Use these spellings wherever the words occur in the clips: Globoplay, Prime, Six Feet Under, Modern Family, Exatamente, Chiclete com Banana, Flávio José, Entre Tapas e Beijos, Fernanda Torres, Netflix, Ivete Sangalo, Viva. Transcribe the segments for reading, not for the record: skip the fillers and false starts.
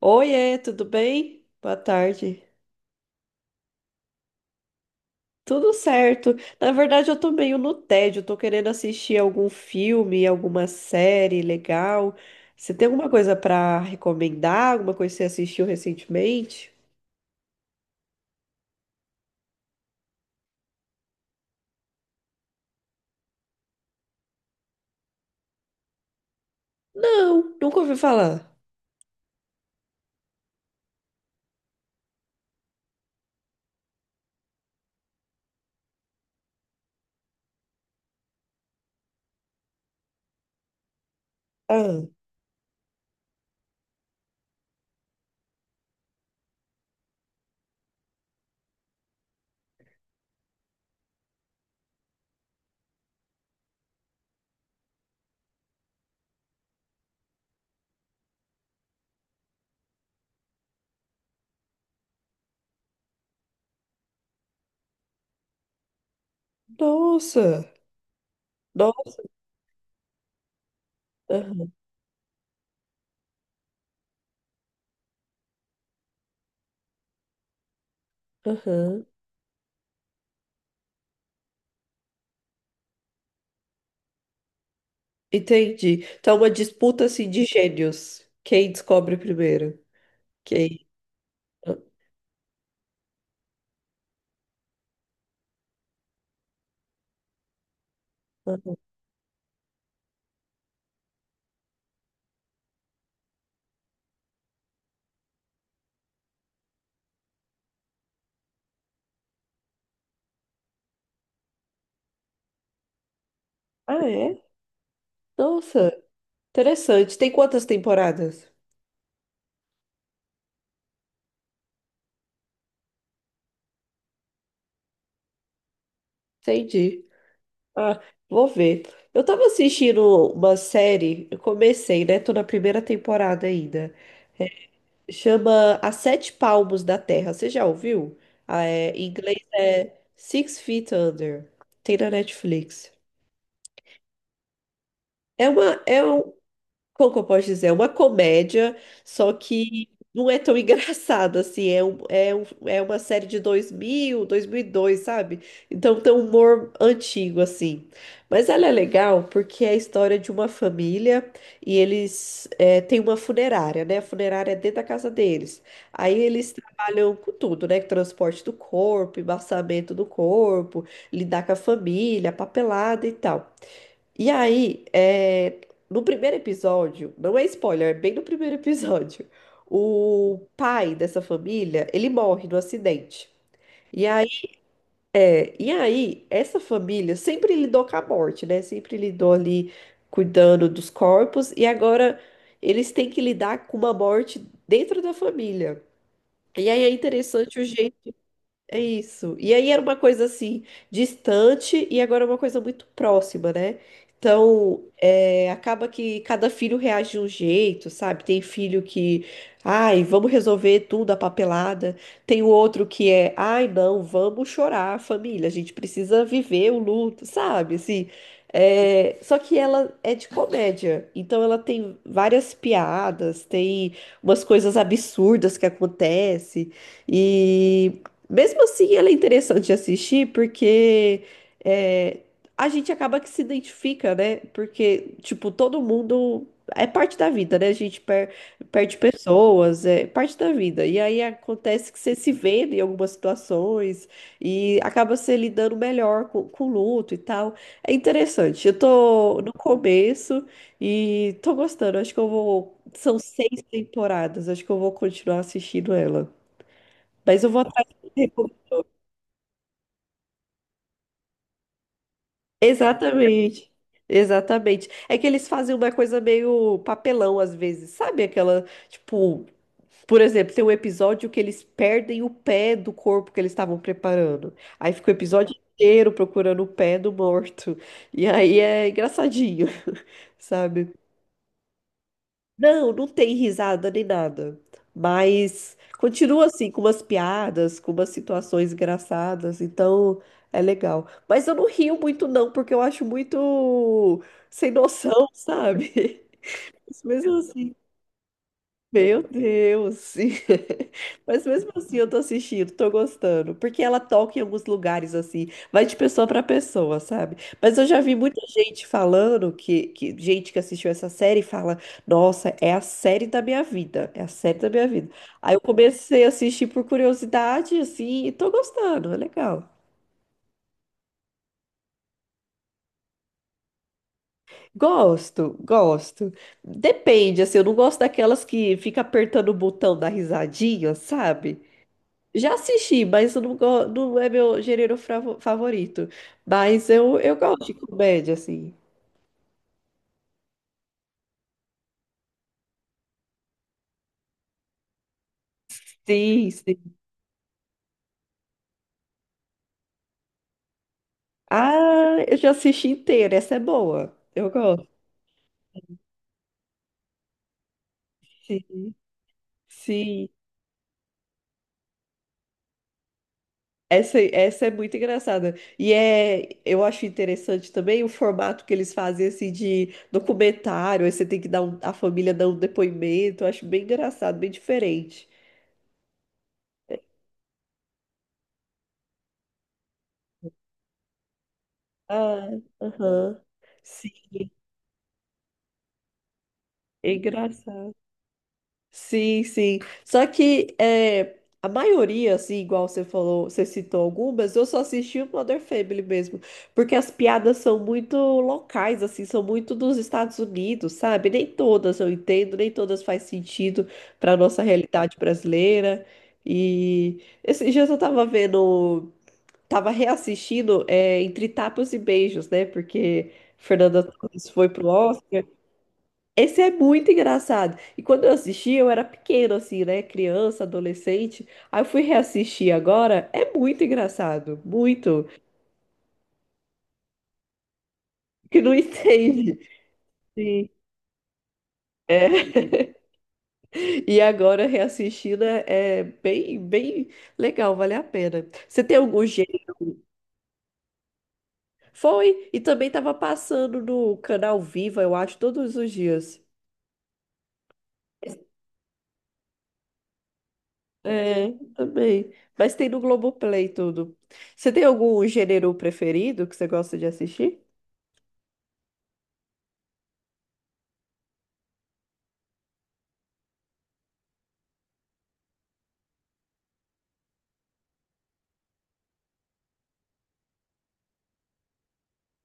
Oiê, tudo bem? Boa tarde. Tudo certo. Na verdade, eu tô meio no tédio, tô querendo assistir algum filme, alguma série legal. Você tem alguma coisa pra recomendar? Alguma coisa que você assistiu recentemente? Não, nunca ouvi falar. Ah, nossa. Nossa. Aham, aham. Entendi. Então, é uma disputa assim de gênios. Quem descobre primeiro? Quem? Ah, é? Nossa, interessante. Tem quantas temporadas? Entendi. Ah, vou ver. Eu tava assistindo uma série, eu comecei, né? Tô na primeira temporada ainda. Chama As Sete Palmos da Terra. Você já ouviu? Ah, é, em inglês é Six Feet Under. Tem na Netflix. É uma, é um- Como que eu posso dizer? É uma comédia, só que não é tão engraçado assim. É uma série de 2000, 2002, sabe? Então tem um humor antigo, assim. Mas ela é legal porque é a história de uma família e têm uma funerária, né? A funerária é dentro da casa deles. Aí eles trabalham com tudo, né? Transporte do corpo, embaçamento do corpo, lidar com a família, papelada e tal. E aí, é, no primeiro episódio, não é spoiler, é bem no primeiro episódio, o pai dessa família, ele morre no acidente. E aí, e aí, essa família sempre lidou com a morte, né? Sempre lidou ali cuidando dos corpos, e agora eles têm que lidar com uma morte dentro da família. E aí é interessante o jeito é isso. E aí era uma coisa assim, distante e agora é uma coisa muito próxima, né? Então, acaba que cada filho reage de um jeito, sabe? Tem filho que, ai, vamos resolver tudo a papelada. Tem o outro que é, ai, não, vamos chorar, família, a gente precisa viver o luto, sabe? Só que ela é de comédia, então ela tem várias piadas, tem umas coisas absurdas que acontecem. E mesmo assim, ela é interessante de assistir porque é, a gente acaba que se identifica, né? Porque, tipo, todo mundo é parte da vida, né? A gente perde pessoas, é parte da vida. E aí acontece que você se vê em algumas situações e acaba se lidando melhor com o luto e tal. É interessante. Eu tô no começo e tô gostando. Acho que eu vou. São seis temporadas, acho que eu vou continuar assistindo ela. Mas eu vou atrás de Exatamente. Exatamente. É que eles fazem uma coisa meio papelão às vezes, sabe? Aquela, tipo, por exemplo, tem um episódio que eles perdem o pé do corpo que eles estavam preparando. Aí fica o episódio inteiro procurando o pé do morto. E aí é engraçadinho, sabe? Não, não tem risada nem nada. Mas continua assim, com umas piadas, com umas situações engraçadas. Então é legal. Mas eu não rio muito, não, porque eu acho muito sem noção, sabe? Mas mesmo assim. Meu Deus! Mas mesmo assim eu tô assistindo, tô gostando. Porque ela toca em alguns lugares assim, vai de pessoa pra pessoa, sabe? Mas eu já vi muita gente falando que gente que assistiu essa série fala: Nossa, é a série da minha vida, é a série da minha vida. Aí eu comecei a assistir por curiosidade, assim, e tô gostando, é legal. Gosto, gosto. Depende, assim, eu não gosto daquelas que fica apertando o botão da risadinha, sabe? Já assisti, mas eu não, go- não é meu gênero favorito. Mas eu gosto de comédia, assim. Sim, sim. Ah, eu já assisti inteira. Essa é boa. Eu gosto. Sim, sim. Essa é muito engraçada. Eu acho interessante também o formato que eles fazem, assim, de documentário. Aí você tem que dar um, a família dá um depoimento. Eu acho bem engraçado, bem diferente. Ah, aham. Sim, é engraçado. Sim, sim. Só que é, a maioria, assim, igual você falou, você citou algumas, eu só assisti o Modern Family mesmo, porque as piadas são muito locais, assim, são muito dos Estados Unidos, sabe? Nem todas eu entendo, nem todas faz sentido para nossa realidade brasileira. E esses dias eu tava vendo, tava reassistindo Entre Tapas e Beijos, né? Porque Fernanda Torres foi pro Oscar. Esse é muito engraçado. E quando eu assisti, eu era pequena, assim, né? Criança, adolescente. Aí eu fui reassistir agora. É muito engraçado. Muito. Que não entende. Sim. É. E agora reassistindo é bem, bem legal, vale a pena. Você tem algum jeito? Foi. E também tava passando no canal Viva, eu acho, todos os dias. É, também. Mas tem no Globoplay tudo. Você tem algum gênero preferido que você gosta de assistir?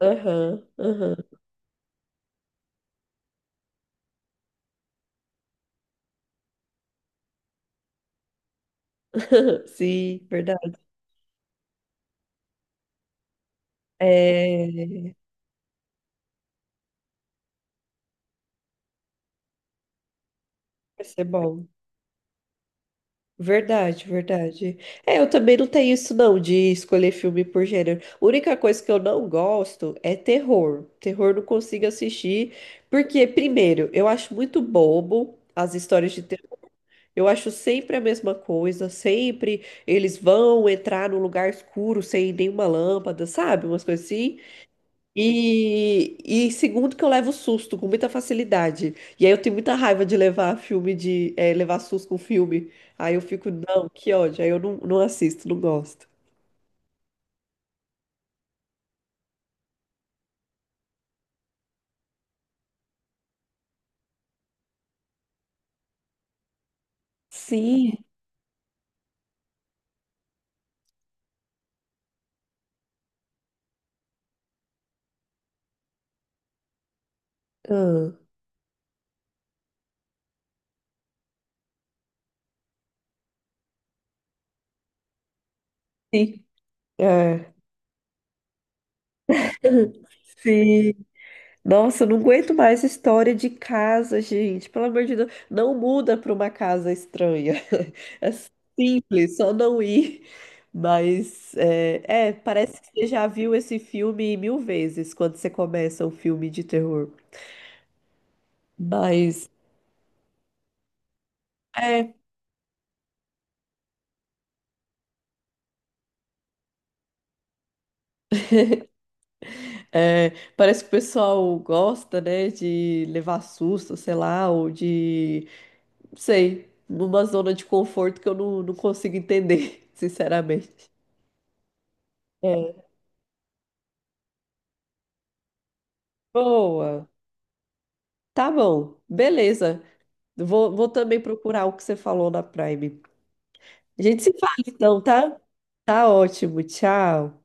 Aham, aham. Sim, verdade. É, vai ser bom. Verdade, verdade. É, eu também não tenho isso não, de escolher filme por gênero. A única coisa que eu não gosto é terror. Terror eu não consigo assistir, porque, primeiro, eu acho muito bobo as histórias de terror. Eu acho sempre a mesma coisa, sempre eles vão entrar num lugar escuro sem nenhuma lâmpada, sabe? Umas coisas assim. E, e segundo que eu levo susto com muita facilidade. E aí eu tenho muita raiva de levar filme de levar susto com filme. Aí eu fico, não, que ódio. Aí eu não, não assisto, não gosto. Sim. Ah, sim. É. Sim. Nossa, eu não aguento mais história de casa, gente. Pelo amor de Deus, não muda para uma casa estranha. É simples, só não ir. Mas parece que você já viu esse filme mil vezes quando você começa um filme de terror. Mas é, é, parece que o pessoal gosta, né, de levar susto, sei lá, ou de, não sei, numa zona de conforto que eu não, não consigo entender, sinceramente. É, boa. Tá bom, beleza. Vou também procurar o que você falou na Prime. A gente se fala então, tá? Tá ótimo, tchau.